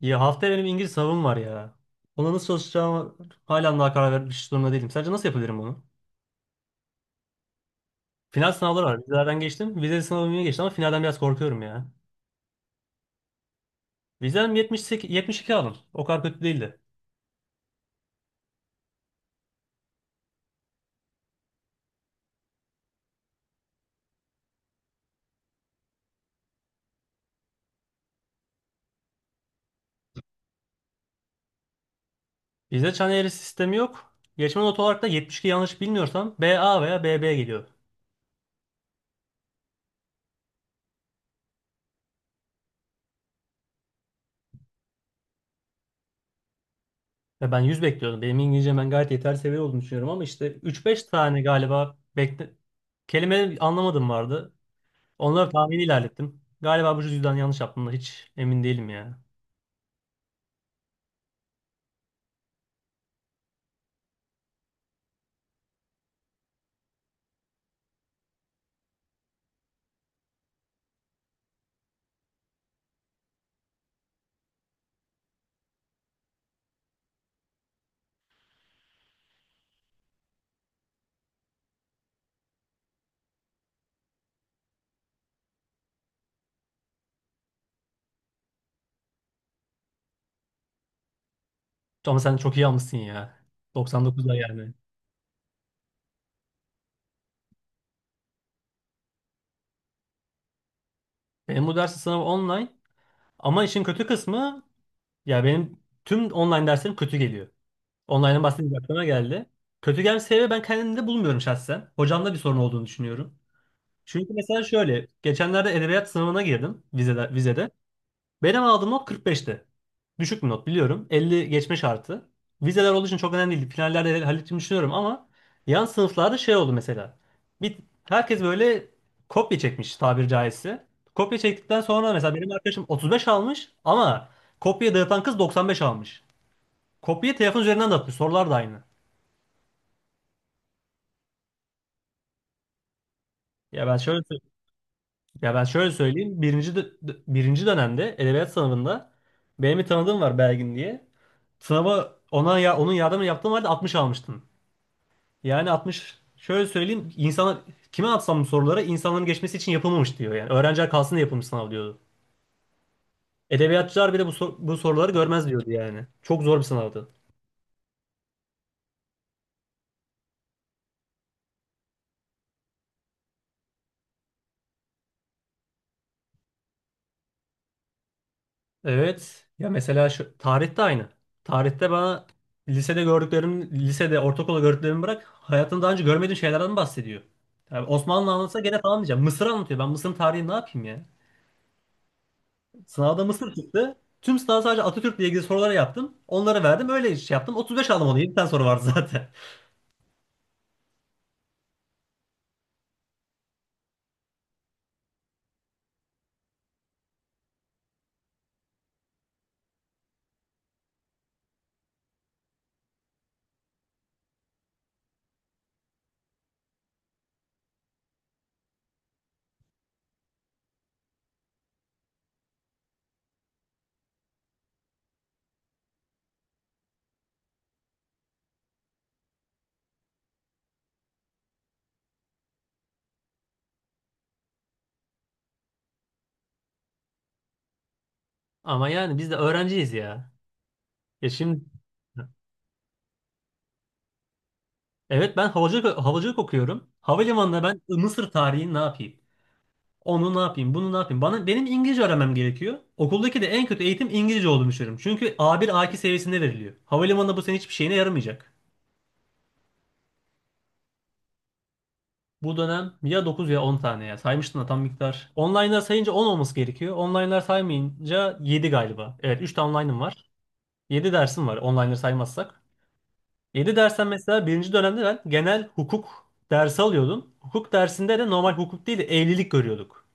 Ya haftaya benim İngiliz sınavım var ya. Ona nasıl çalışacağımı hala daha karar vermiş durumda değilim. Sence nasıl yapabilirim bunu? Final sınavları var. Vizelerden geçtim. Vize sınavımı geçtim ama finalden biraz korkuyorum ya. Vizem 78, 72 aldım. O kadar kötü değildi. Vize çan eğrisi sistemi yok. Geçme notu olarak da 72, yanlış bilmiyorsam B A veya B B geliyor. Ya ben 100 bekliyordum. Benim İngilizcem, ben gayet yeterli seviye olduğunu düşünüyorum ama işte 3-5 tane galiba kelime anlamadım vardı. Onları tahmini ilerlettim. Galiba bu yüzden yanlış yaptım da hiç emin değilim ya. Ama sen çok iyi almışsın ya. 99'da yani. Benim bu dersi sınavı online. Ama işin kötü kısmı, ya benim tüm online derslerim kötü geliyor. Online'ın bahsedince aklıma geldi. Kötü gelme sebebi ben kendimde bulmuyorum şahsen. Hocamda bir sorun olduğunu düşünüyorum. Çünkü mesela şöyle. Geçenlerde edebiyat sınavına girdim vizede. Benim aldığım not 45'ti. Düşük bir not biliyorum. 50 geçme şartı. Vizeler olduğu için çok önemli değildi. Finallerde halledeceğimi düşünüyorum ama yan sınıflarda şey oldu mesela. Bir, herkes böyle kopya çekmiş tabiri caizse. Kopya çektikten sonra mesela benim arkadaşım 35 almış ama kopya dağıtan kız 95 almış. Kopya telefon üzerinden dağıtmış. Sorular da aynı. Ya ben şöyle Ya ben şöyle söyleyeyim. Birinci dönemde edebiyat sınavında benim bir tanıdığım var, Belgin diye. Sınava ona ya onun yardımını yaptığım halde 60 almıştım. Yani 60, şöyle söyleyeyim, insana kime atsam bu soruları, insanların geçmesi için yapılmamış diyor yani. Öğrenciler kalsın diye yapılmış sınav diyordu. Edebiyatçılar bile bu soruları görmez diyordu yani. Çok zor bir sınavdı. Evet. Ya mesela şu, tarihte aynı. Tarihte bana lisede, ortaokulda gördüklerimi bırak, hayatımda daha önce görmediğim şeylerden bahsediyor. Yani Osmanlı anlatsa gene tamam diyeceğim. Mısır anlatıyor. Ben Mısır'ın tarihini ne yapayım ya? Sınavda Mısır çıktı. Tüm sınavı sadece Atatürk'le ilgili soruları yaptım. Onları verdim. Öyle şey yaptım. 35 aldım onu. 7 tane soru vardı zaten. Ama yani biz de öğrenciyiz ya. Ya şimdi. Evet, ben havacılık, havacılık okuyorum. Havalimanında ben Mısır tarihini ne yapayım? Onu ne yapayım, bunu ne yapayım? Bana, benim İngilizce öğrenmem gerekiyor. Okuldaki de en kötü eğitim İngilizce olduğunu düşünüyorum. Çünkü A1 A2 seviyesinde veriliyor. Havalimanında bu senin hiçbir şeyine yaramayacak. Bu dönem ya 9 ya 10 tane ya. Saymıştın da tam miktar. Online'lar sayınca 10 olması gerekiyor. Online'lar saymayınca 7 galiba. Evet, 3 de online'ım var. 7 dersim var online'ları saymazsak. Yedi dersten, mesela birinci dönemde ben genel hukuk dersi alıyordum. Hukuk dersinde de normal hukuk değil de evlilik görüyorduk.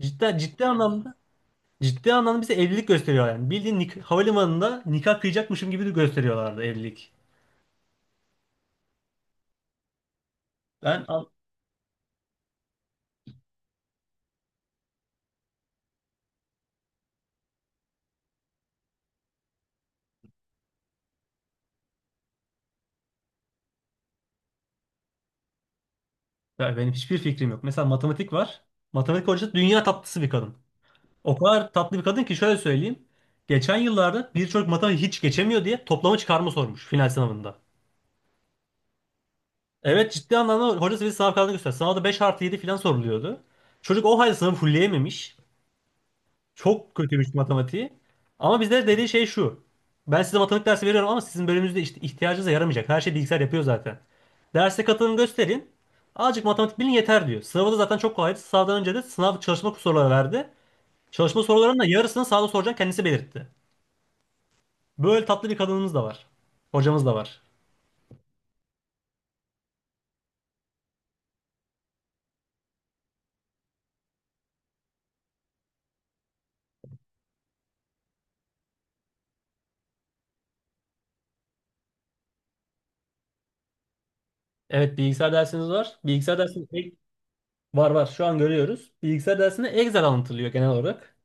Cidden ciddi anlamda Ciddi anlamda bize evlilik gösteriyor yani. Bildiğin havalimanında nikah kıyacakmışım gibi de gösteriyorlardı evlilik. Ben al- Ya benim hiçbir fikrim yok. Mesela matematik var. Matematik hocası dünya tatlısı bir kadın. O kadar tatlı bir kadın ki şöyle söyleyeyim. Geçen yıllarda bir çocuk matematik hiç geçemiyor diye toplama çıkarma sormuş final sınavında. Evet, ciddi anlamda, hocası bize sınav kağıdını göster. Sınavda 5 artı 7 falan soruluyordu. Çocuk o halde sınavı fulleyememiş. Çok kötüymüş matematiği. Ama bizde dediği şey şu. Ben size matematik dersi veriyorum ama sizin bölümünüzde işte ihtiyacınıza yaramayacak. Her şey bilgisayar yapıyor zaten. Derse katılın, gösterin. Azıcık matematik bilin yeter diyor. Sınavı da zaten çok kolaydı. Sınavdan önce de sınav çalışma soruları verdi. Çalışma sorularının da yarısını sağda soracak, kendisi belirtti. Böyle tatlı bir kadınımız da var. Hocamız da var. Evet, bilgisayar dersiniz var. Bilgisayar dersinde var şu an görüyoruz. Bilgisayar dersinde Excel anlatılıyor genel olarak.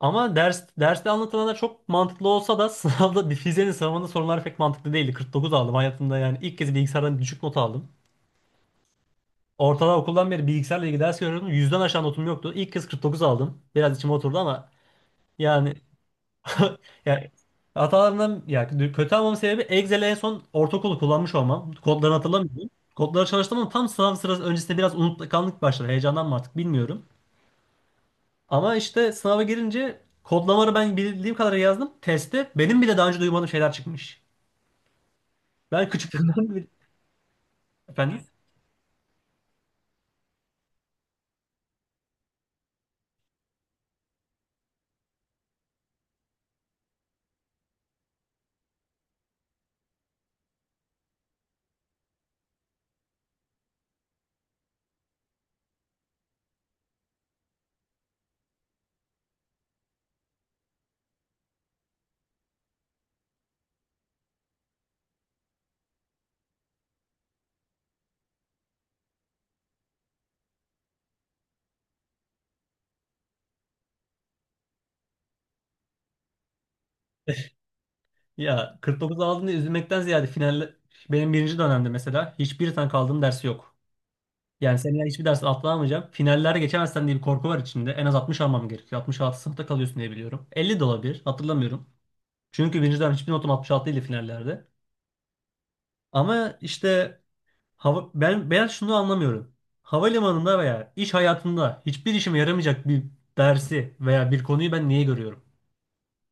Ama derste anlatılanlar çok mantıklı olsa da fiziğin sınavında sorular pek mantıklı değildi. 49 aldım hayatımda, yani ilk kez bilgisayardan düşük not aldım. Okuldan beri bilgisayarla ilgili ders görüyordum. Yüzden aşağı notum yoktu. İlk kez 49 aldım. Biraz içime oturdu ama yani yani, hatalarından ya, kötü almamın sebebi Excel'i en son ortaokulu kullanmış olmam. Kodlarını hatırlamıyorum. Kodları çalıştım ama tam sınav sırası öncesinde biraz unutkanlık başladı. Heyecandan mı artık bilmiyorum. Ama işte sınava girince kodlamaları ben bildiğim kadarıyla yazdım. Testte benim bile daha önce duymadığım şeyler çıkmış. Ben küçüklüğümden beri... Efendim? Ya 49 aldığında üzülmekten ziyade, final, benim birinci dönemde mesela hiçbir tane kaldığım ders yok. Yani seneye hiçbir ders atlayamayacağım. Finallere geçemezsen diye bir korku var içinde. En az 60 almam gerekiyor. 66 sınıfta kalıyorsun diye biliyorum. 50 de olabilir. Hatırlamıyorum. Çünkü birinci dönem hiçbir notum 66 ile finallerde. Ama işte, ben şunu anlamıyorum. Havalimanında veya iş hayatında hiçbir işime yaramayacak bir dersi veya bir konuyu ben niye görüyorum?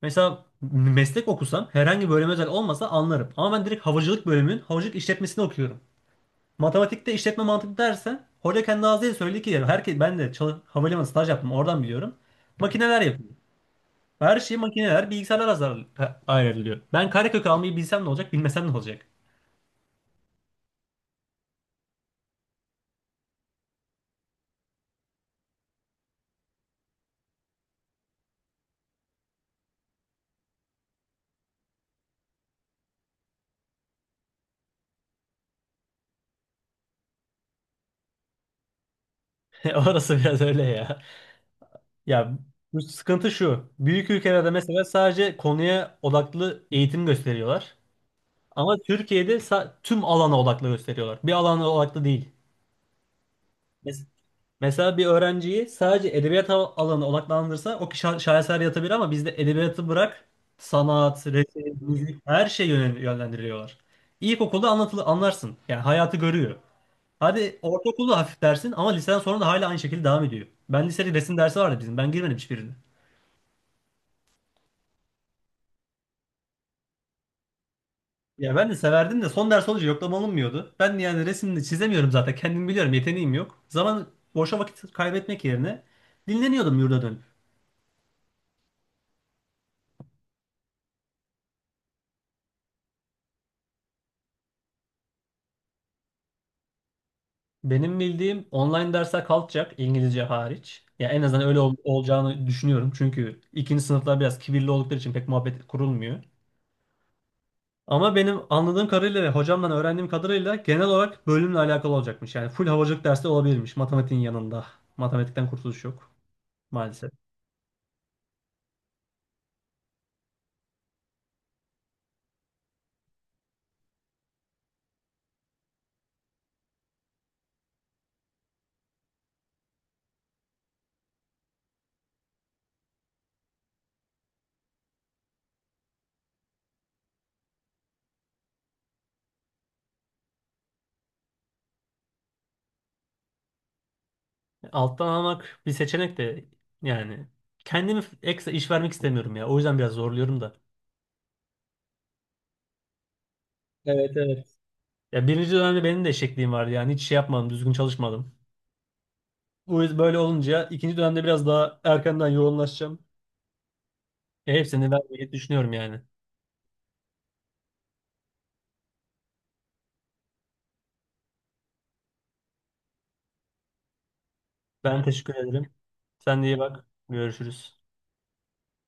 Mesela meslek okusam, herhangi bir bölüme özel olmasa anlarım. Ama ben direkt havacılık bölümünün havacılık işletmesini okuyorum. Matematikte işletme mantığı dersen, hoca kendi ağzıyla söyledi ki herkes, ben de çalış, havalimanı staj yaptım oradan biliyorum. Makineler yapıyor. Her şey makineler, bilgisayarlar ayrılıyor. Ben karekök almayı bilsem ne olacak, bilmesem ne olacak? Orası biraz öyle ya. Ya bu sıkıntı şu. Büyük ülkelerde mesela sadece konuya odaklı eğitim gösteriyorlar. Ama Türkiye'de tüm alana odaklı gösteriyorlar. Bir alana odaklı değil. Mes- Mesela bir öğrenciyi sadece edebiyat alanına odaklandırsa o kişi şaheser yatabilir ama bizde edebiyatı bırak, sanat, resim, müzik her şeye yönlendiriyorlar. İlkokulda anlatılı anlarsın. Yani hayatı görüyor. Hadi ortaokulda hafif dersin ama liseden sonra da hala aynı şekilde devam ediyor. Ben lisede resim dersi vardı bizim. Ben girmedim hiçbirine. Ya ben de severdim de son ders olunca yoklama alınmıyordu. Ben de yani resimde çizemiyorum zaten. Kendim biliyorum, yeteneğim yok. Zaman, boşa vakit kaybetmek yerine, dinleniyordum yurda dönüp. Benim bildiğim online dersler kalkacak, İngilizce hariç. Ya en azından öyle olacağını düşünüyorum. Çünkü ikinci sınıflar biraz kibirli oldukları için pek muhabbet kurulmuyor. Ama benim anladığım kadarıyla ve hocamdan öğrendiğim kadarıyla genel olarak bölümle alakalı olacakmış. Yani full havacılık dersi olabilirmiş matematiğin yanında. Matematikten kurtuluş yok maalesef. Alttan almak bir seçenek de, yani kendimi ekstra iş vermek istemiyorum ya. O yüzden biraz zorluyorum da. Evet, evet. Ya birinci dönemde benim de eşekliğim vardı, yani hiç şey yapmadım, düzgün çalışmadım. Bu yüzden böyle olunca ikinci dönemde biraz daha erkenden yoğunlaşacağım. Hepsini vermeyi düşünüyorum yani. Ben teşekkür ederim. Sen de iyi bak. Görüşürüz.